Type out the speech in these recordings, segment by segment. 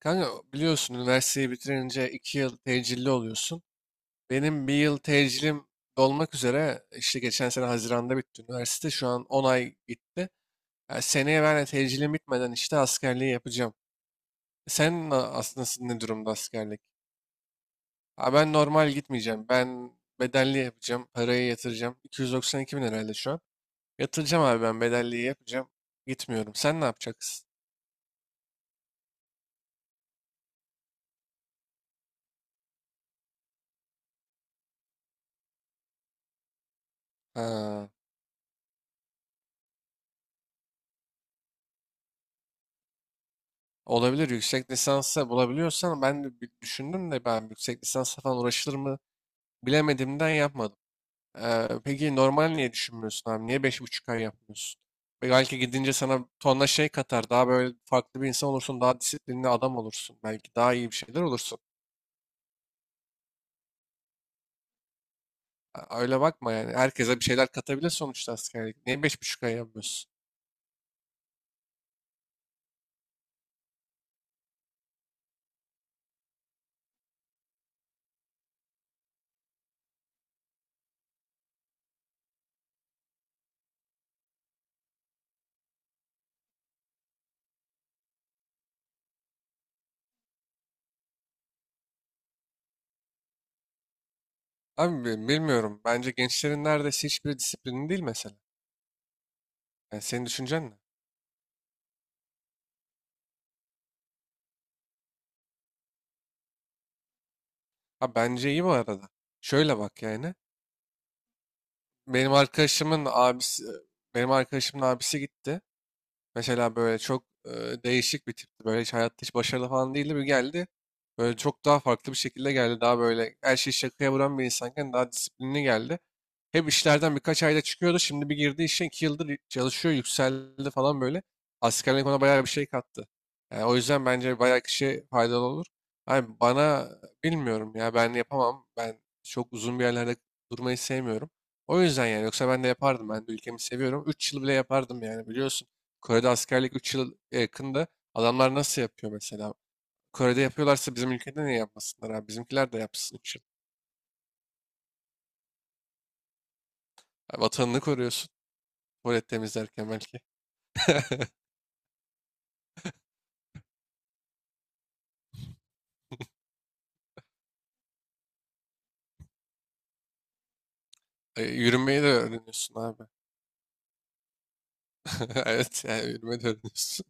Kanka biliyorsun üniversiteyi bitirince 2 yıl tecilli oluyorsun. Benim bir yıl tecilim dolmak üzere, işte geçen sene Haziran'da bitti üniversite. Şu an 10 ay gitti. Yani seneye ben de tecilim bitmeden işte askerliği yapacağım. Sen aslında ne durumda askerlik? Ha, ben normal gitmeyeceğim. Ben bedelli yapacağım. Parayı yatıracağım. 292 bin herhalde şu an. Yatıracağım abi, ben bedelliyi yapacağım. Gitmiyorum. Sen ne yapacaksın? Ha. Olabilir, yüksek lisansa bulabiliyorsan ben de bir düşündüm de, ben yüksek lisansa falan uğraşılır mı bilemediğimden yapmadım. Peki normal niye düşünmüyorsun abi? Niye 5,5 ay yapmıyorsun? Ve belki gidince sana tonla şey katar. Daha böyle farklı bir insan olursun. Daha disiplinli adam olursun. Belki daha iyi bir şeyler olursun. Aa, öyle bakma yani. Herkese bir şeyler katabilir sonuçta askerlik. Niye 5,5 ay yapmıyorsun? Abi, bilmiyorum. Bence gençlerin neredeyse hiçbiri disiplinli değil mesela. Yani senin düşüncen ne? Ha, bence iyi bu arada. Şöyle bak yani. Benim arkadaşımın abisi, benim arkadaşımın abisi gitti. Mesela böyle çok değişik bir tipti. Böyle hiç hayatta hiç başarılı falan değildi. Bir geldi. Böyle çok daha farklı bir şekilde geldi. Daha böyle her şeyi şakaya vuran bir insanken daha disiplinli geldi. Hem işlerden birkaç ayda çıkıyordu. Şimdi bir girdi işe, 2 yıldır çalışıyor. Yükseldi falan böyle. Askerlik ona bayağı bir şey kattı. Yani o yüzden bence bayağı kişiye faydalı olur. Abi bana, bilmiyorum ya, ben yapamam. Ben çok uzun bir yerlerde durmayı sevmiyorum. O yüzden yani, yoksa ben de yapardım. Ben de ülkemi seviyorum. 3 yıl bile yapardım yani, biliyorsun. Kore'de askerlik 3 yıl yakında. Adamlar nasıl yapıyor mesela? Kore'de yapıyorlarsa bizim ülkede niye yapmasınlar abi? Bizimkiler de yapsın 3 yıl. Vatanını koruyorsun. Tuvalet temizlerken belki. Yürümeyi de öğreniyorsun abi. Evet, yani yürümeyi de öğreniyorsun.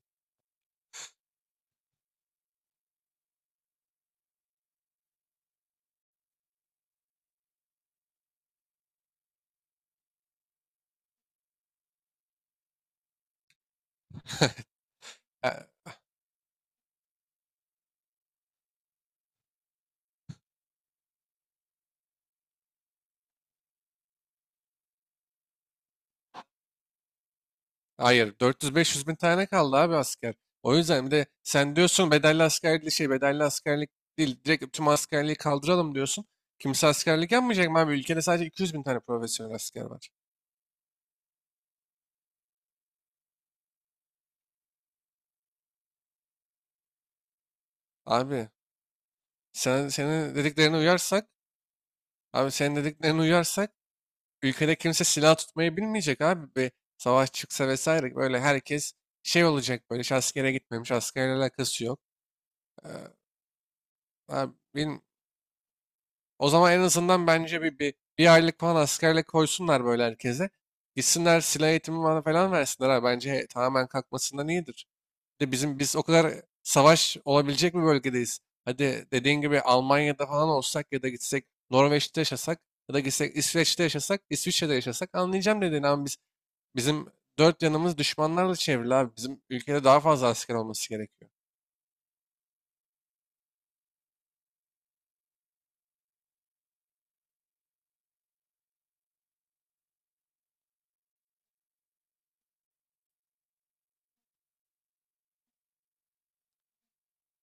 Ha, hayır, 400-500 bin tane kaldı abi asker. O yüzden bir de sen diyorsun bedelli askerlik, şey, bedelli askerlik değil, direkt tüm askerliği kaldıralım diyorsun. Kimse askerlik yapmayacak mı abi? Ülkede sadece 200 bin tane profesyonel asker var. Abi senin dediklerine uyarsak, abi senin dediklerine uyarsak ülkede kimse silah tutmayı bilmeyecek abi. Bir savaş çıksa vesaire, böyle herkes şey olacak, böyle hiç askere gitmemiş, askerle alakası yok. E, Ha, bilm- o zaman en azından bence bir aylık falan askerlik koysunlar böyle herkese. Gitsinler silah eğitimi falan falan versinler abi. Bence tamamen kalkmasından iyidir. De biz o kadar savaş olabilecek bir bölgedeyiz. Hadi dediğin gibi Almanya'da falan olsak ya da gitsek Norveç'te yaşasak, ya da gitsek İsveç'te yaşasak, İsviçre'de yaşasak, anlayacağım dediğin, ama bizim dört yanımız düşmanlarla çevrili abi. Bizim ülkede daha fazla asker olması gerekiyor.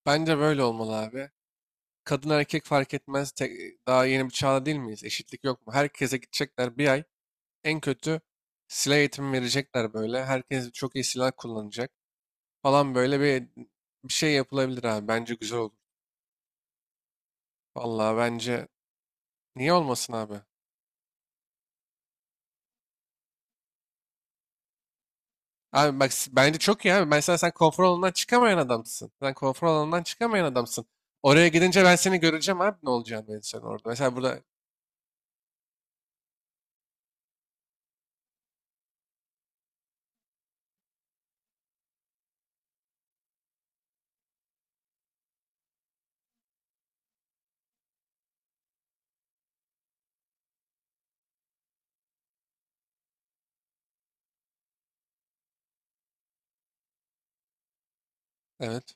Bence böyle olmalı abi. Kadın erkek fark etmez. Daha yeni bir çağda değil miyiz? Eşitlik yok mu? Herkese gidecekler bir ay. En kötü silah eğitimi verecekler böyle. Herkes çok iyi silah kullanacak falan, böyle bir şey yapılabilir abi. Bence güzel olur. Vallahi bence, niye olmasın abi? Abi bak, bence çok iyi abi. Mesela sen konfor alanından çıkamayan adamsın. Sen konfor alanından çıkamayan adamsın. Oraya gidince ben seni göreceğim abi, ne olacağını, ben sen orada. Mesela burada. Evet.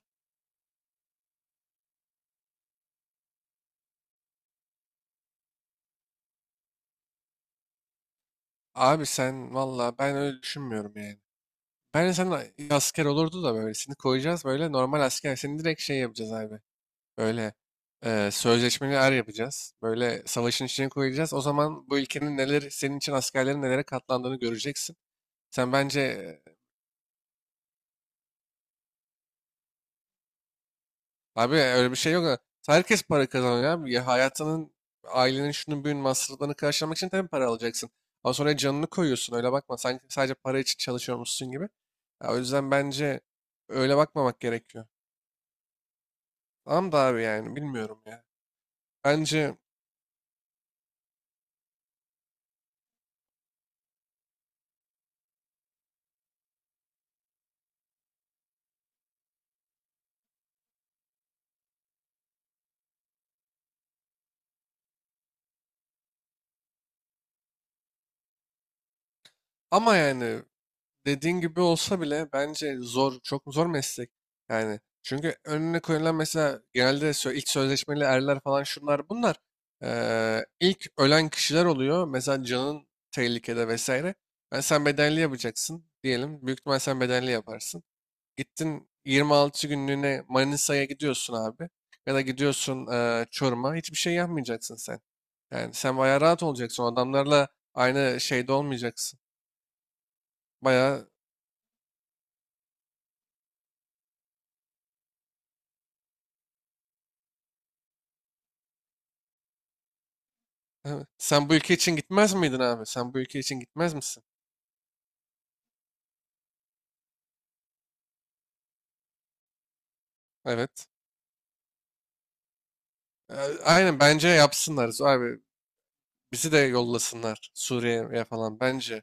Abi sen valla, ben öyle düşünmüyorum yani. Bence sen asker olurdu da böyle seni koyacağız, böyle normal asker. Seni direkt şey yapacağız abi. Böyle sözleşmeli er yapacağız. Böyle savaşın içine koyacağız. O zaman bu ülkenin, neler senin için askerlerin nelere katlandığını göreceksin. Sen bence abi öyle bir şey yok. Herkes para kazanıyor abi. Ya hayatının, ailenin, şunun büyüğün masraflarını karşılamak için tabii para alacaksın. Ama sonra canını koyuyorsun, öyle bakma. Sanki sadece para için çalışıyormuşsun gibi. Ya o yüzden bence öyle bakmamak gerekiyor. Tamam da abi, yani bilmiyorum ya. Bence, ama yani dediğin gibi olsa bile, bence zor, çok zor meslek. Yani çünkü önüne koyulan mesela genelde ilk sözleşmeli erler falan, şunlar bunlar. İlk ölen kişiler oluyor. Mesela canın tehlikede vesaire. Yani sen bedelli yapacaksın diyelim. Büyük ihtimal sen bedelli yaparsın. Gittin, 26 günlüğüne Manisa'ya gidiyorsun abi. Ya da gidiyorsun Çorum'a. Hiçbir şey yapmayacaksın sen. Yani sen bayağı rahat olacaksın. O adamlarla aynı şeyde olmayacaksın. Bayağı. Evet. Sen bu ülke için gitmez miydin abi? Sen bu ülke için gitmez misin? Evet. Ee, Aynen, bence yapsınlar abi. Bizi de yollasınlar Suriye'ye falan bence.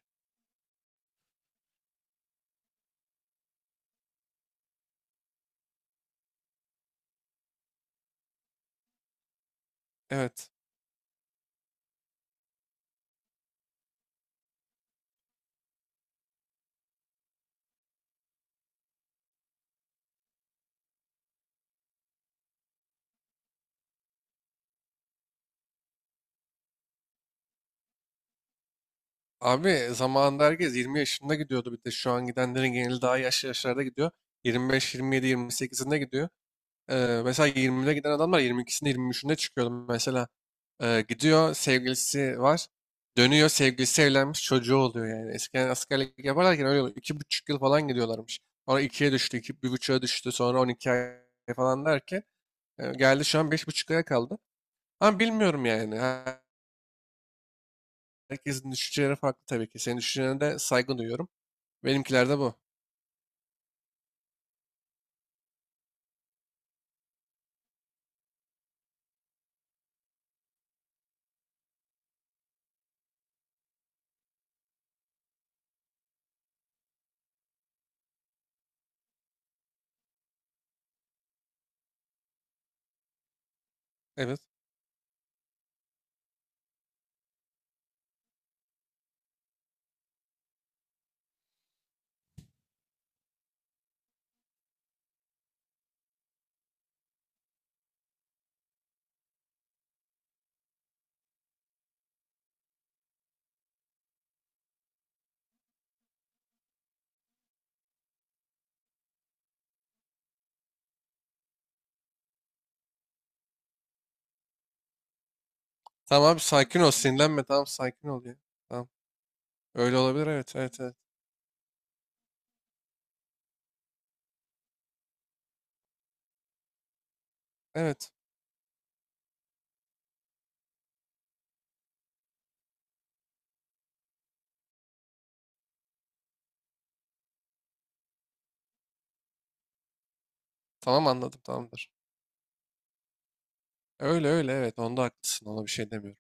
Evet. Abi zamanında herkes 20 yaşında gidiyordu, bir de şu an gidenlerin geneli daha yaşlı yaşlarda gidiyor. 25, 27, 28'inde gidiyor. Mesela 20'de giden adamlar 22'sinde, 23'ünde çıkıyordu mesela. Gidiyor sevgilisi var. Dönüyor, sevgilisi evlenmiş, çocuğu oluyor yani. Eskiden askerlik yaparlarken öyle oluyor. 2,5 yıl falan gidiyorlarmış. Sonra 2'ye düştü, 2,5'a düştü. Sonra 12 ay falan derken geldi, şu an 5,5 aya kaldı. Ama bilmiyorum yani. Herkesin düşünceleri farklı tabii ki. Senin düşüncelerine de saygı duyuyorum. Benimkiler de bu. Evet. Tamam abi, sakin ol. Sinirlenme. Tamam, sakin ol ya. Tamam. Öyle olabilir. Evet. Evet. Evet. Evet. Tamam, anladım, tamamdır. Öyle öyle, evet, onda haklısın, ona bir şey demiyorum.